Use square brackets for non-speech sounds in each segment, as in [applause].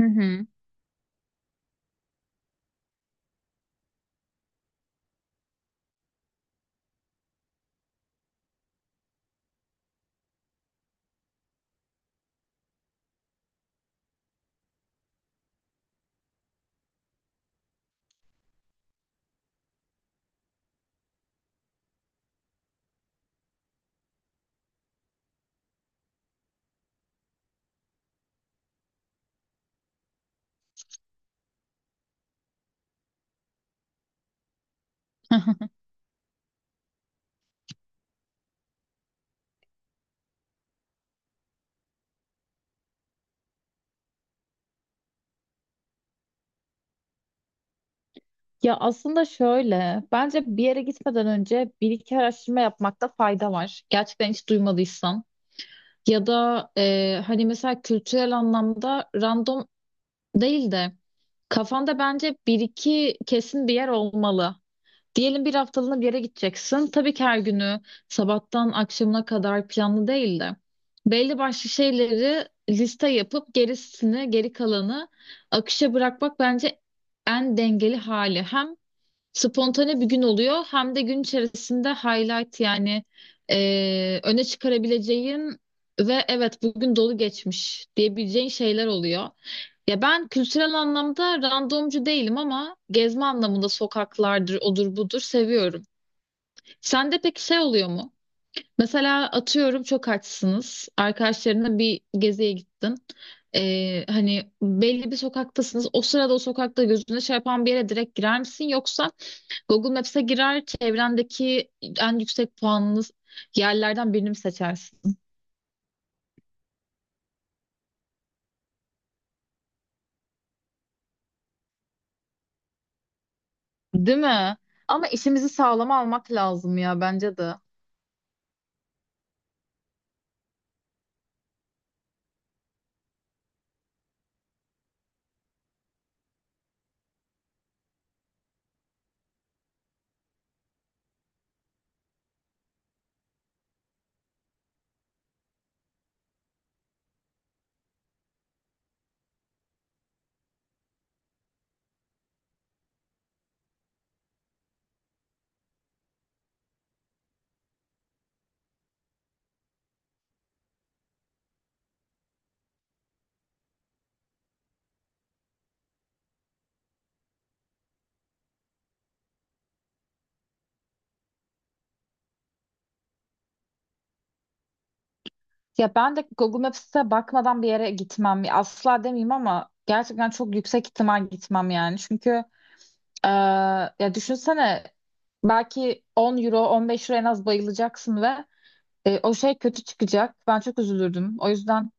Hı hı. [laughs] Ya aslında şöyle, bence bir yere gitmeden önce bir iki araştırma yapmakta fayda var. Gerçekten hiç duymadıysan. Ya da hani mesela kültürel anlamda random değil de kafanda bence bir iki kesin bir yer olmalı. Diyelim bir haftalığına bir yere gideceksin. Tabii ki her günü sabahtan akşamına kadar planlı değil de belli başlı şeyleri liste yapıp gerisini, geri kalanı akışa bırakmak bence en dengeli hali. Hem spontane bir gün oluyor. Hem de gün içerisinde highlight yani öne çıkarabileceğin ve evet bugün dolu geçmiş diyebileceğin şeyler oluyor. Ya ben kültürel anlamda randomcu değilim ama gezme anlamında sokaklardır, odur budur seviyorum. Sende peki şey oluyor mu? Mesela atıyorum çok açsınız. Arkadaşlarına bir geziye gittin. Hani belli bir sokaktasınız. O sırada o sokakta gözüne şey yapan bir yere direkt girer misin? Yoksa Google Maps'e girer, çevrendeki en yüksek puanlı yerlerden birini mi seçersin? Değil mi? Ama işimizi sağlama almak lazım ya bence de. Ya ben de Google Maps'e bakmadan bir yere gitmem. Asla demeyeyim ama gerçekten çok yüksek ihtimal gitmem yani. Çünkü eee, ya düşünsene belki 10 euro, 15 euro en az bayılacaksın ve o şey kötü çıkacak. Ben çok üzülürdüm. O yüzden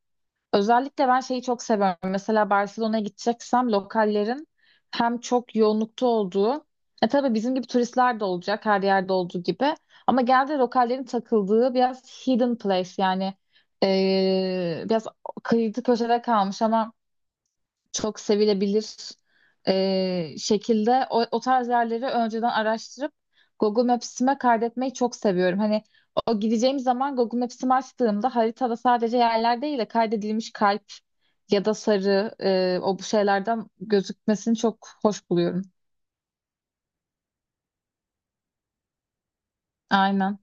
özellikle ben şeyi çok seviyorum. Mesela Barcelona'ya gideceksem lokallerin hem çok yoğunlukta olduğu, tabii bizim gibi turistler de olacak, her yerde olduğu gibi. Ama genelde lokallerin takıldığı biraz hidden place, yani biraz kıyıda köşede kalmış ama çok sevilebilir şekilde o tarz yerleri önceden araştırıp Google Maps'ime kaydetmeyi çok seviyorum. Hani o gideceğim zaman Google Maps'imi açtığımda haritada sadece yerler değil de kaydedilmiş kalp ya da sarı o bu şeylerden gözükmesini çok hoş buluyorum. Aynen,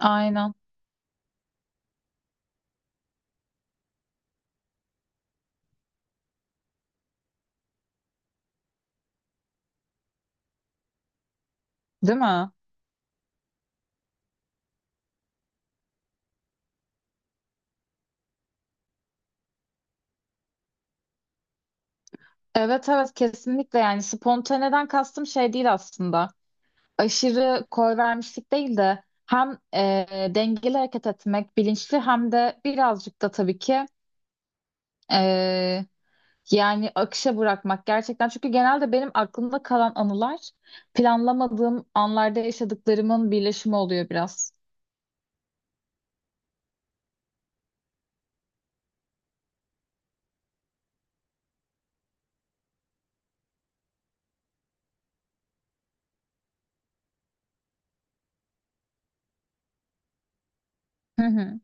aynen. Değil mi? Evet evet, kesinlikle. Yani spontaneden kastım şey değil aslında. Aşırı koy vermişlik değil de hem dengeli hareket etmek, bilinçli, hem de birazcık da tabii ki e, yani akışa bırakmak gerçekten. Çünkü genelde benim aklımda kalan anılar planlamadığım anlarda yaşadıklarımın birleşimi oluyor biraz. Hı hı.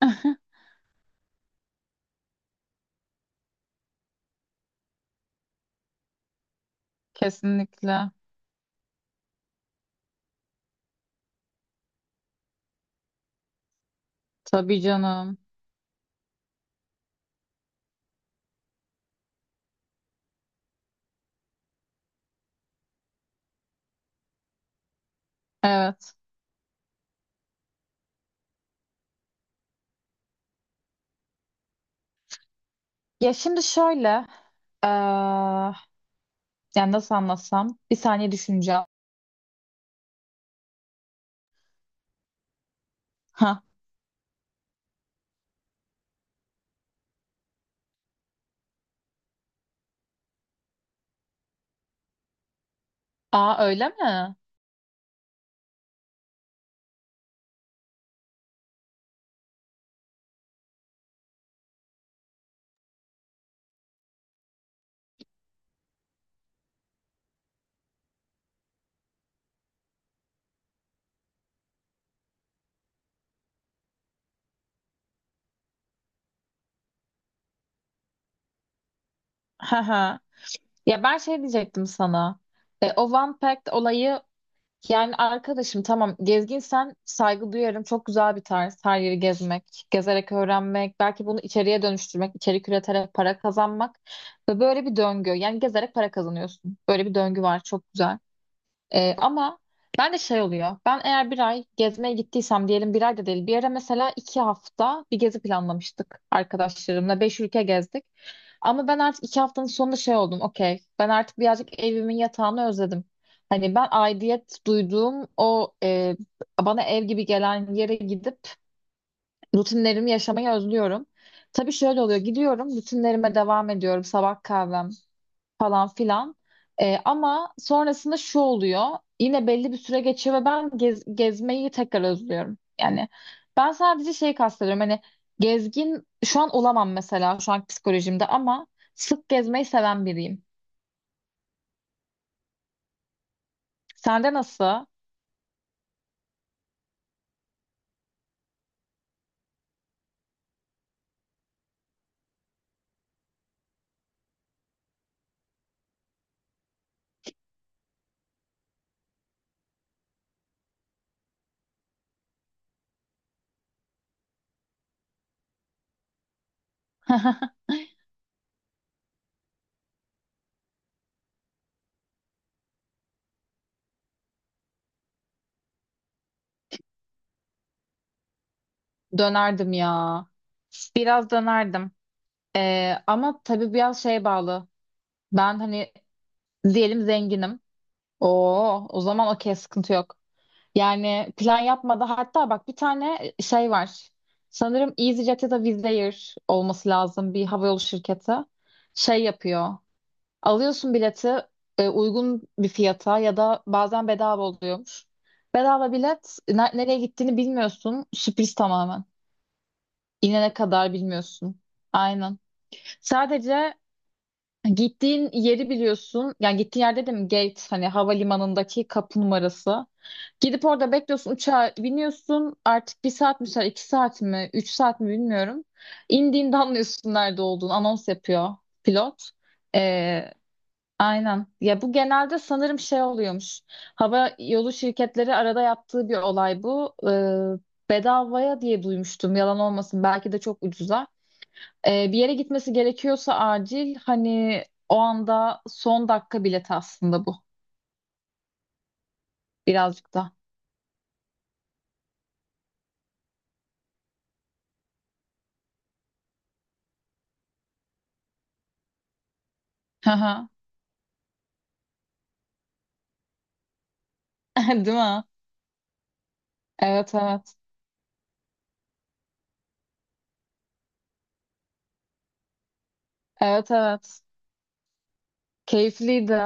[laughs] Kesinlikle. Tabii canım. Evet. Ya şimdi şöyle, e, yani nasıl anlatsam, bir saniye düşüneceğim. Ha. Aa öyle mi? Ha ha. Ya ben şey diyecektim sana. O One Pact olayı, yani arkadaşım tamam, gezginsen saygı duyarım. Çok güzel bir tarz her yeri gezmek, gezerek öğrenmek, belki bunu içeriye dönüştürmek, içerik üreterek para kazanmak ve böyle bir döngü. Yani gezerek para kazanıyorsun. Böyle bir döngü var, çok güzel. Ama ben de şey oluyor. Ben eğer bir ay gezmeye gittiysem, diyelim bir ay da değil, bir yere mesela 2 hafta bir gezi planlamıştık arkadaşlarımla. 5 ülke gezdik. Ama ben artık 2 haftanın sonunda şey oldum. Okey. Ben artık birazcık evimin yatağını özledim. Hani ben aidiyet duyduğum o, bana ev gibi gelen yere gidip rutinlerimi yaşamayı özlüyorum. Tabii şöyle oluyor. Gidiyorum, rutinlerime devam ediyorum. Sabah kahvem, falan filan. Ama sonrasında şu oluyor. Yine belli bir süre geçiyor ve ben gezmeyi tekrar özlüyorum. Yani ben sadece şey kastediyorum. Hani gezgin şu an olamam mesela, şu an psikolojimde, ama sık gezmeyi seven biriyim. Sende nasıl? [laughs] Dönerdim ya. Biraz dönerdim. Ama tabii biraz şeye bağlı. Ben hani diyelim zenginim. Oo, o zaman okey, sıkıntı yok. Yani plan yapmadı. Hatta bak, bir tane şey var. Sanırım EasyJet ya da Wizz Air olması lazım, bir havayolu şirketi. Şey yapıyor. Alıyorsun bileti uygun bir fiyata ya da bazen bedava oluyormuş. Bedava bilet, nereye gittiğini bilmiyorsun. Sürpriz tamamen. İnene kadar bilmiyorsun. Aynen. Sadece gittiğin yeri biliyorsun. Yani gittiğin yer dedim, gate, hani havalimanındaki kapı numarası. Gidip orada bekliyorsun, uçağa biniyorsun. Artık 1 saat mi sürer, 2 saat mi, 3 saat mi bilmiyorum. İndiğinde anlıyorsun nerede olduğunu. Anons yapıyor pilot. Ee, aynen. Ya bu genelde sanırım şey oluyormuş. Hava yolu şirketleri arada yaptığı bir olay bu. Bedavaya diye duymuştum. Yalan olmasın, belki de çok ucuza. Bir yere gitmesi gerekiyorsa acil, hani o anda son dakika bileti aslında bu, birazcık da. Hı hı. [laughs] Değil mi? Evet evet. Evet evet. Keyifliydi.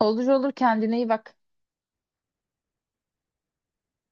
Olur olur, kendine iyi bak.